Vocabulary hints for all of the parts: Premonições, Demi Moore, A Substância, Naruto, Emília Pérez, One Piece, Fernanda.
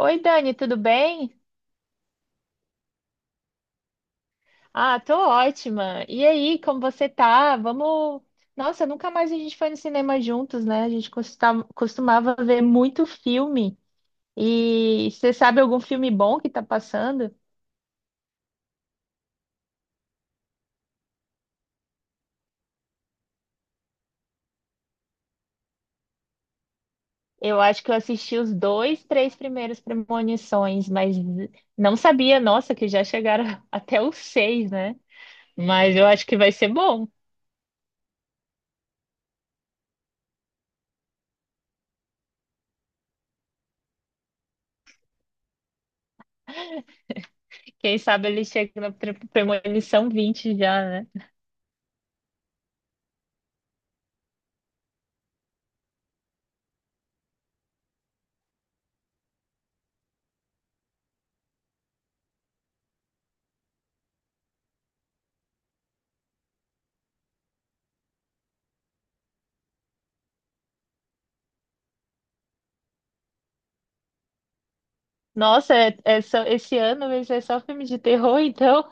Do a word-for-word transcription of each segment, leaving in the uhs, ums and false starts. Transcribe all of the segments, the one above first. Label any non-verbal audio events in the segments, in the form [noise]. Oi, Dani, tudo bem? Ah, tô ótima. E aí, como você tá? Vamos. Nossa, nunca mais a gente foi no cinema juntos, né? A gente costa- costumava ver muito filme. E você sabe algum filme bom que tá passando? Eu acho que eu assisti os dois, três primeiros Premonições, mas não sabia, nossa, que já chegaram [laughs] até os seis, né? Mas eu acho que vai ser bom. Quem sabe ele chega na pre- Premonição vinte já, né? Nossa, é- é só- esse ano vai ser só filme de terror, então.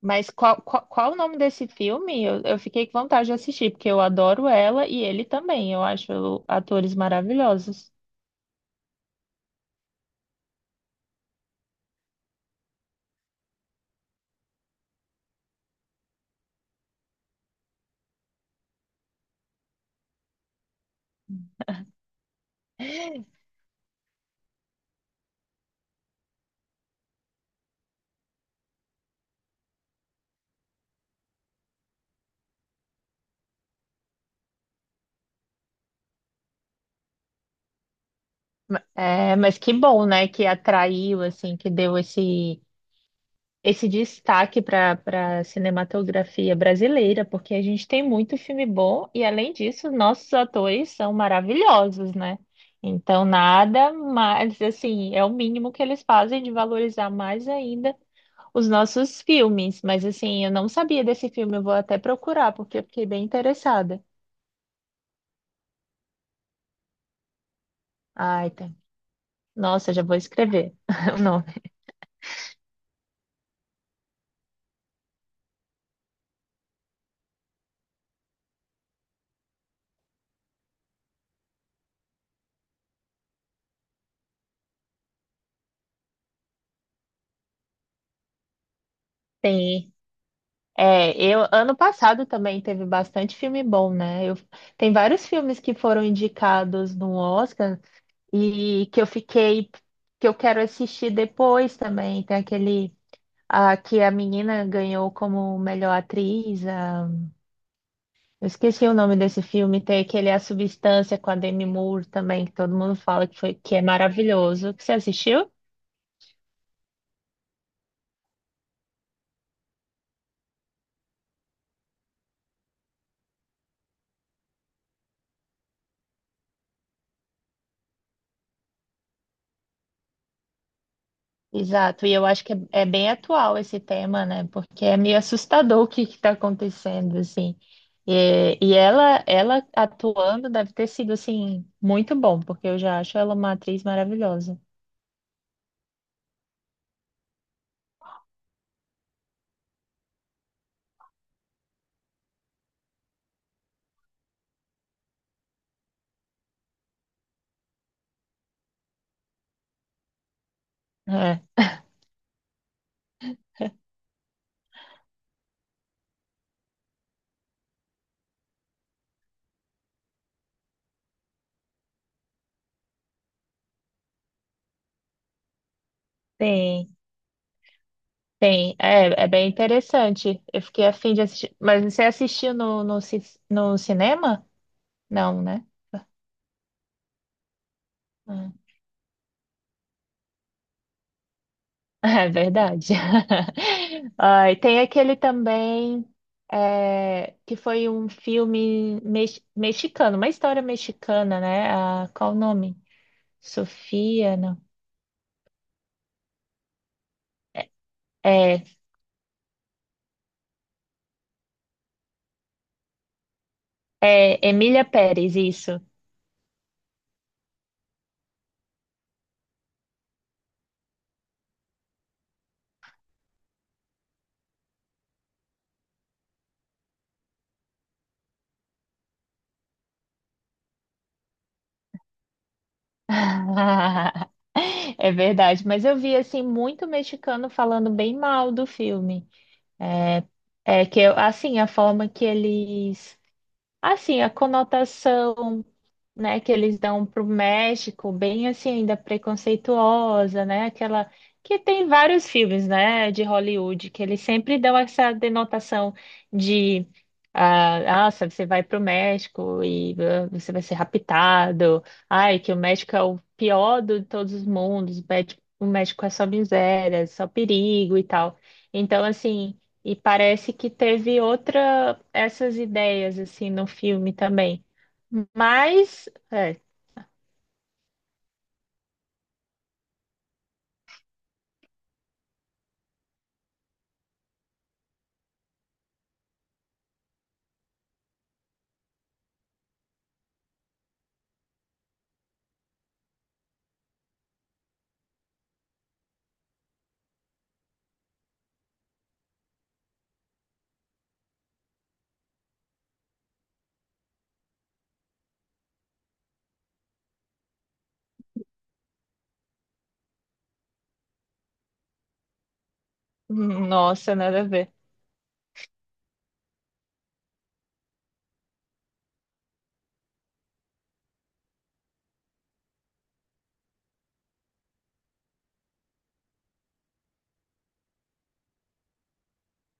Mas qual, qual, qual o nome desse filme? Eu, eu fiquei com vontade de assistir, porque eu adoro ela e ele também. Eu acho atores maravilhosos. É, mas que bom, né? Que atraiu, assim, que deu esse, esse destaque para para cinematografia brasileira, porque a gente tem muito filme bom e, além disso, nossos atores são maravilhosos, né? Então, nada mais, assim, é o mínimo que eles fazem de valorizar mais ainda os nossos filmes. Mas, assim, eu não sabia desse filme, eu vou até procurar, porque eu fiquei bem interessada. Ai, tá. Nossa, já vou escrever [laughs] o nome. Tem. É, eu ano passado também teve bastante filme bom, né? Eu, tem vários filmes que foram indicados no Oscar e que eu fiquei, que eu quero assistir depois também. Tem aquele, ah, que a menina ganhou como melhor atriz. Ah, eu esqueci o nome desse filme. Tem aquele A Substância com a Demi Moore também, que todo mundo fala que foi, que é maravilhoso. Que você assistiu? Exato, e eu acho que é, é bem atual esse tema, né? Porque é meio assustador o que está acontecendo, assim. E, e ela, ela atuando deve ter sido, assim, muito bom, porque eu já acho ela uma atriz maravilhosa. É, tem, tem. É, é bem interessante. Eu fiquei afim de assistir. Mas você assistiu no, no, ci- no cinema? Não, né? Ah. É verdade. [laughs] Ai, tem aquele também, é, que foi um filme mex- mexicano, uma história mexicana, né? Ah, qual o nome? Sofia, não. É, é Emília Pérez, isso. [laughs] É verdade, mas eu vi assim muito mexicano falando bem mal do filme. É, é que eu, assim a forma que eles, assim a conotação, né, que eles dão para o México, bem assim, ainda preconceituosa, né? Aquela que tem vários filmes, né, de Hollywood, que eles sempre dão essa denotação de, ah, nossa, você vai para o México e ah, você vai ser raptado. Ai, que o México é o pior de todos os mundos, o México, o México é só miséria, só perigo e tal. Então, assim, e parece que teve outra essas ideias assim no filme também. Mas é. Nossa, nada a ver.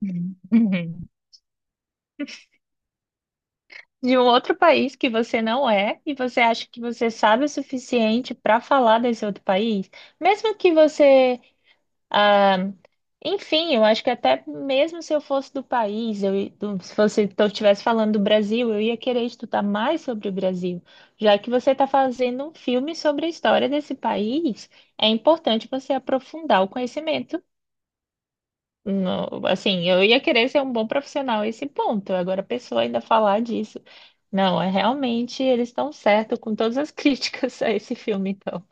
Uhum. Uhum. De um outro país que você não é e você acha que você sabe o suficiente para falar desse outro país, mesmo que você, ah, enfim, eu acho que até mesmo se eu fosse do país, eu, do- se você estivesse falando do Brasil, eu ia querer estudar mais sobre o Brasil, já que você está fazendo um filme sobre a história desse país, é importante você aprofundar o conhecimento. Não, assim, eu ia querer ser um bom profissional a esse ponto. Agora, a pessoa ainda falar disso. Não, é realmente eles estão certos com todas as [laughs] críticas a esse filme, então.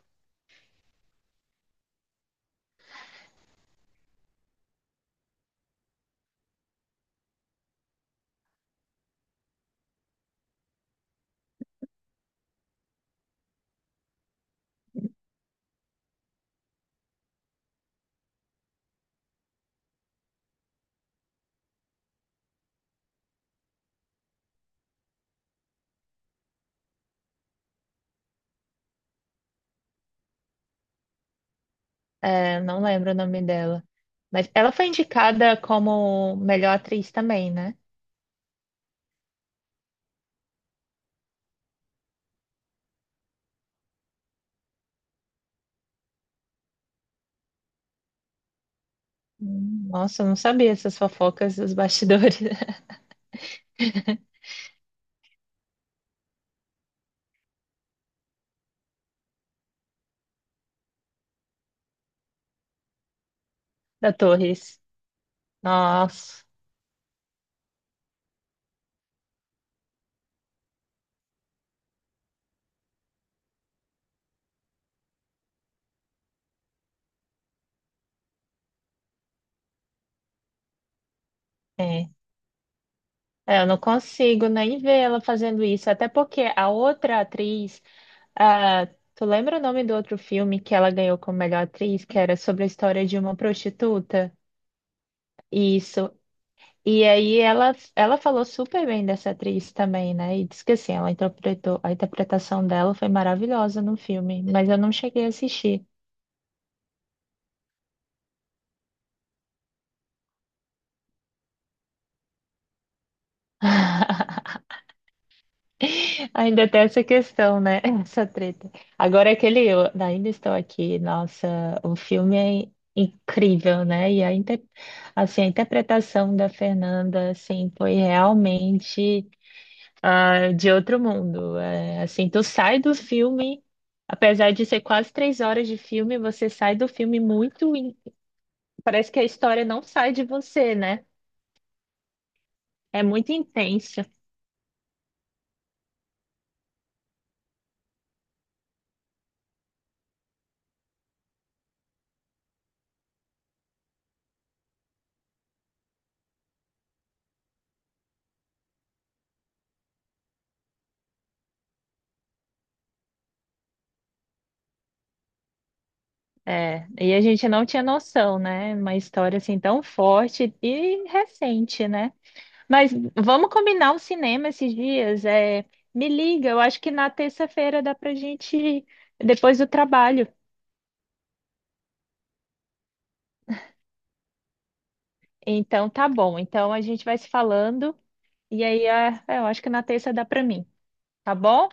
É, não lembro o nome dela. Mas ela foi indicada como melhor atriz também, né? Hum, nossa, eu não sabia essas fofocas dos bastidores. [laughs] Da Torres. Nossa, é. É, eu não consigo nem ver ela fazendo isso, até porque a outra atriz. Ah, tu lembra o nome do outro filme que ela ganhou como melhor atriz, que era sobre a história de uma prostituta? Isso. E aí ela, ela falou super bem dessa atriz também, né? E disse que assim, ela interpretou, a interpretação dela foi maravilhosa no filme, mas eu não cheguei a assistir. [laughs] Ainda tem essa questão, né? [laughs] Essa treta. Agora aquele eu ainda estou aqui. Nossa, o filme é incrível, né? E a, inter... assim, a interpretação da Fernanda, assim, foi realmente, ah, de outro mundo. É, assim, tu sai do filme, apesar de ser quase três horas de filme, você sai do filme muito. In- parece que a história não sai de você, né? É muito intensa. É, e a gente não tinha noção, né? Uma história assim tão forte e recente, né? Mas vamos combinar um cinema esses dias. É, me liga, eu acho que na terça-feira dá pra gente ir, depois do trabalho. Então tá bom. Então a gente vai se falando e aí, ah, eu acho que na terça dá pra mim, tá bom?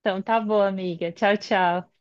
Então tá bom, amiga. Tchau, tchau.